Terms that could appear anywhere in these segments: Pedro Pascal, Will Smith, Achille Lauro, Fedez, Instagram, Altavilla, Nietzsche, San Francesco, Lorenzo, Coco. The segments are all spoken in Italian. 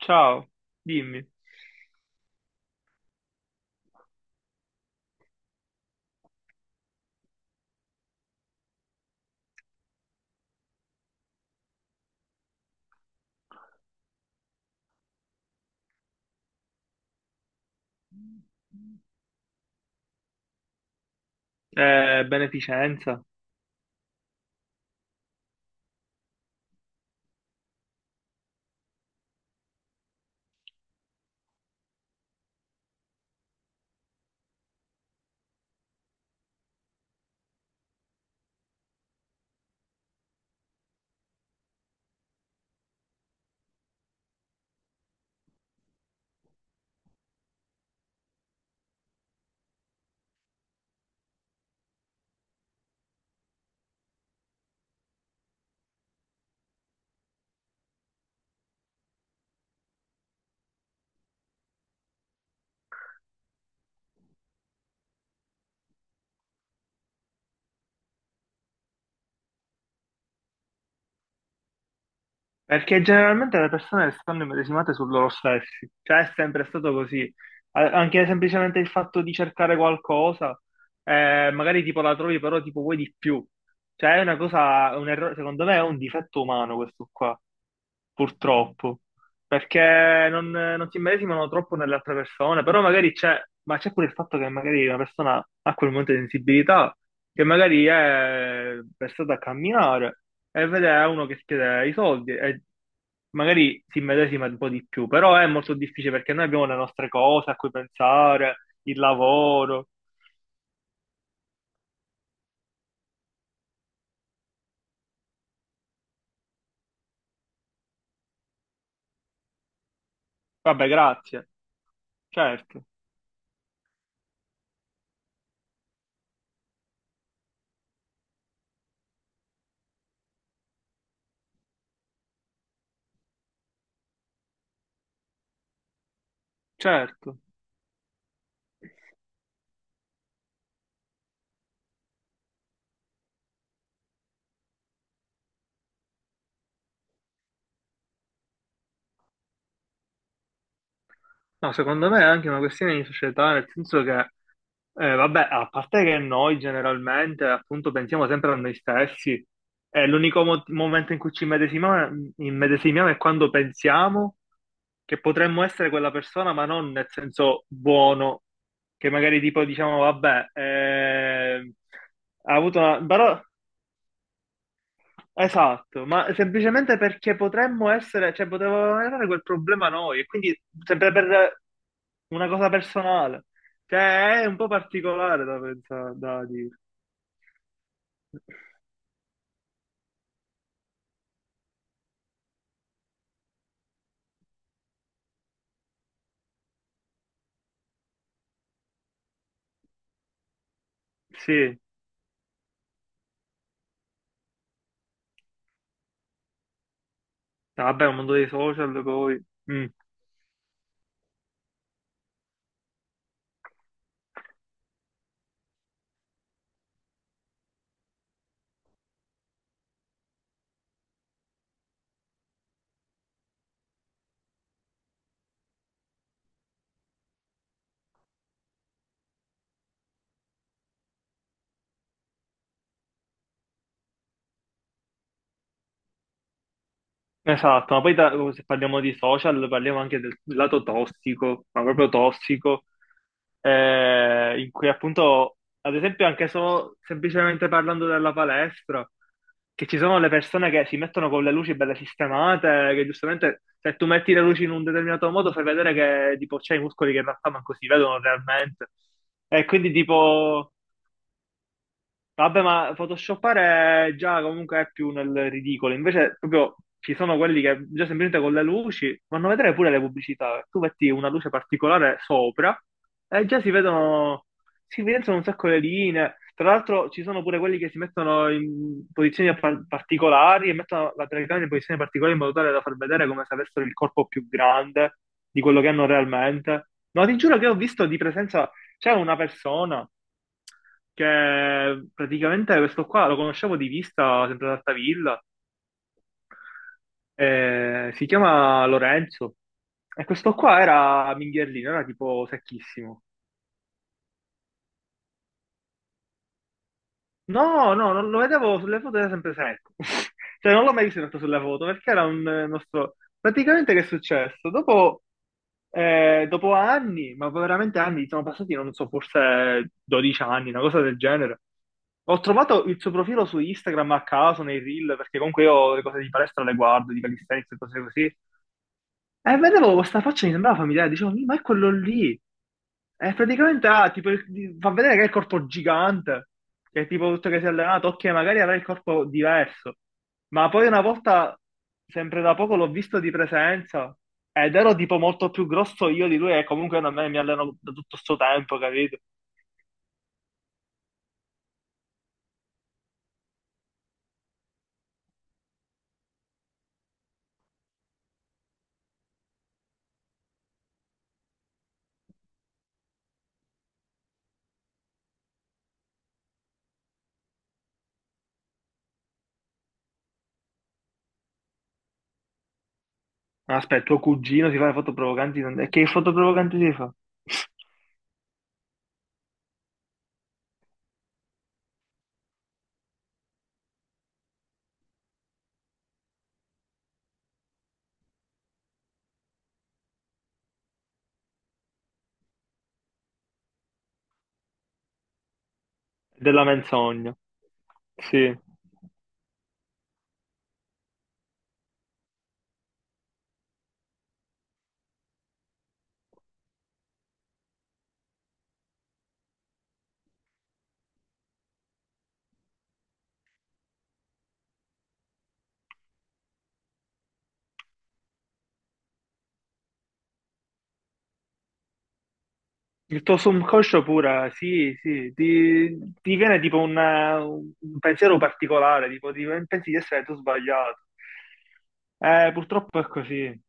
Ciao, dimmi. Beneficenza. Perché generalmente le persone stanno immedesimate su loro stessi, cioè è sempre stato così. Anche semplicemente il fatto di cercare qualcosa, magari tipo la trovi, però tipo vuoi di più. Cioè è una cosa, un errore, secondo me è un difetto umano questo qua, purtroppo, perché non si immedesimano troppo nell'altra persona, però magari c'è, ma c'è pure il fatto che magari una persona ha quel momento di sensibilità, che magari è versata a camminare e vede uno che chiede i soldi e magari si immedesima un po' di più, però è molto difficile perché noi abbiamo le nostre cose a cui pensare, il lavoro. Vabbè, grazie. Certo, certo. No, secondo me è anche una questione di società, nel senso che, vabbè, a parte che noi generalmente appunto pensiamo sempre a noi stessi, e l'unico momento in cui ci immedesimiamo è quando pensiamo che potremmo essere quella persona, ma non nel senso buono, che magari tipo diciamo, vabbè, ha avuto una... però esatto, ma semplicemente perché potremmo essere, cioè potevamo avere quel problema noi, e quindi sempre per una cosa personale. Cioè, è un po' particolare da pensare, da dire. Sì, vabbè, un mondo dei social poi. Mm. Esatto, ma poi se parliamo di social parliamo anche del lato tossico, ma proprio tossico, in cui appunto, ad esempio anche solo semplicemente parlando della palestra, che ci sono le persone che si mettono con le luci belle sistemate, che giustamente se tu metti le luci in un determinato modo fai vedere che tipo c'è i muscoli che in realtà manco si vedono realmente. E quindi tipo... Vabbè, ma photoshoppare già comunque è più nel ridicolo. Invece, proprio ci sono quelli che già semplicemente con le luci vanno a vedere pure le pubblicità. Tu metti una luce particolare sopra e già si vedono, si evidenziano un sacco le linee. Tra l'altro, ci sono pure quelli che si mettono in posizioni particolari e mettono la telecamera in posizioni particolari in modo tale da far vedere come se avessero il corpo più grande di quello che hanno realmente. Ma ti giuro che ho visto di presenza, c'era una persona che praticamente questo qua lo conoscevo di vista sempre ad Altavilla, si chiama Lorenzo e questo qua era mingherlino, era tipo secchissimo. No, no, non lo vedevo sulle foto, era sempre secco. Cioè, non l'ho mai visto in realtà sulle foto, perché era un nostro... Praticamente che è successo? Dopo, dopo anni, ma veramente anni, sono passati, non so, forse 12 anni, una cosa del genere. Ho trovato il suo profilo su Instagram a caso, nei reel, perché comunque io le cose di palestra le guardo, di calisthenics e cose così. E vedevo questa faccia, mi sembrava familiare, dicevo: "Mi, ma è quello lì." E praticamente fa vedere che ha il corpo gigante, che è tipo tutto che si è allenato, ok, magari avrà il corpo diverso. Ma poi una volta, sempre da poco, l'ho visto di presenza ed ero tipo molto più grosso io di lui e comunque a me mi alleno da tutto sto tempo, capito? Ma aspetta, tuo cugino si fa le foto provocanti? E che foto provocanti si fa? Della menzogna. Sì. Il tuo subconscio pure, sì, sì, ti viene tipo un pensiero particolare, pensi di essere tu sbagliato. Purtroppo è così.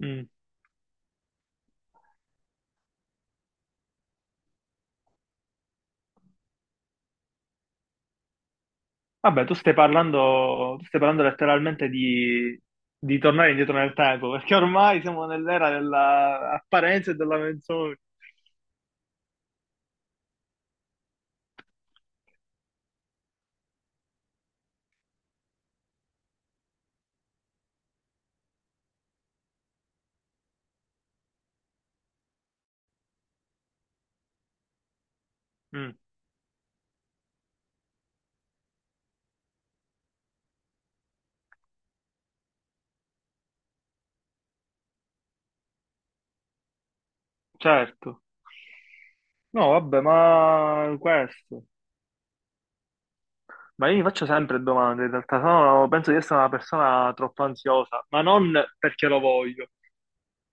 Mm. Vabbè, tu stai parlando letteralmente di tornare indietro nel tempo, perché ormai siamo nell'era dell'apparenza e della menzogna. Mm, certo. No, vabbè, ma questo. Ma io mi faccio sempre domande, in realtà sono, penso di essere una persona troppo ansiosa, ma non perché lo voglio.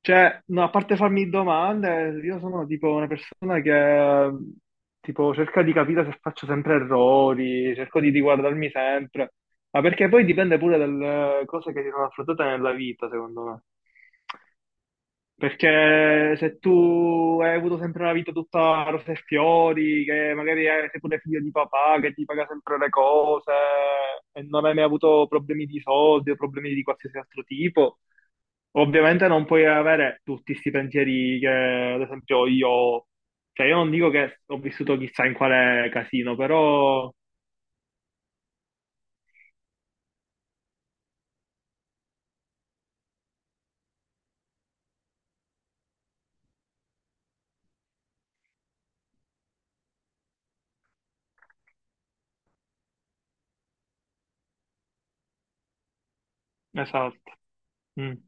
Cioè, no, a parte farmi domande, io sono tipo una persona che tipo cerca di capire se faccio sempre errori, cerco di riguardarmi sempre, ma perché poi dipende pure dalle cose che si sono affrontate nella vita, secondo me. Perché se tu hai avuto sempre una vita tutta rose e fiori, che magari sei pure figlio di papà, che ti paga sempre le cose, e non hai mai avuto problemi di soldi o problemi di qualsiasi altro tipo, ovviamente non puoi avere tutti questi pensieri che, ad esempio, io ho. Cioè, io non dico che ho vissuto chissà in quale casino, però... Esatto. Mm.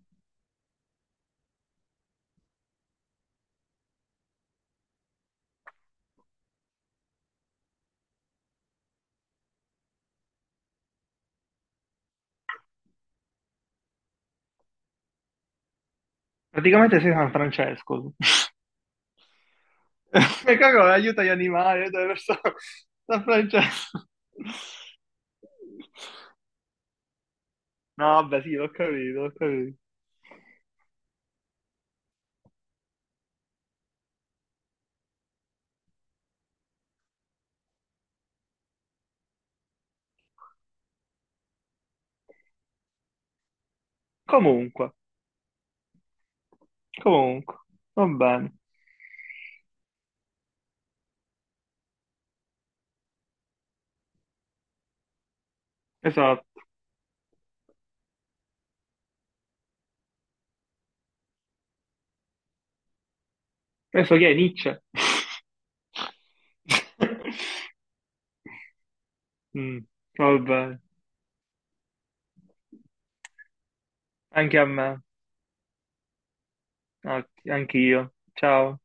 Praticamente sei San Francesco. E Coco aiuta gli animali, aiuta le persone. San Francesco. No, vabbè, sì, l'ho capito, l'ho capito. Comunque, comunque, va bene. Esatto. Adesso chi è Nietzsche? Mm, va bene. Anche a me, anche io. Ciao.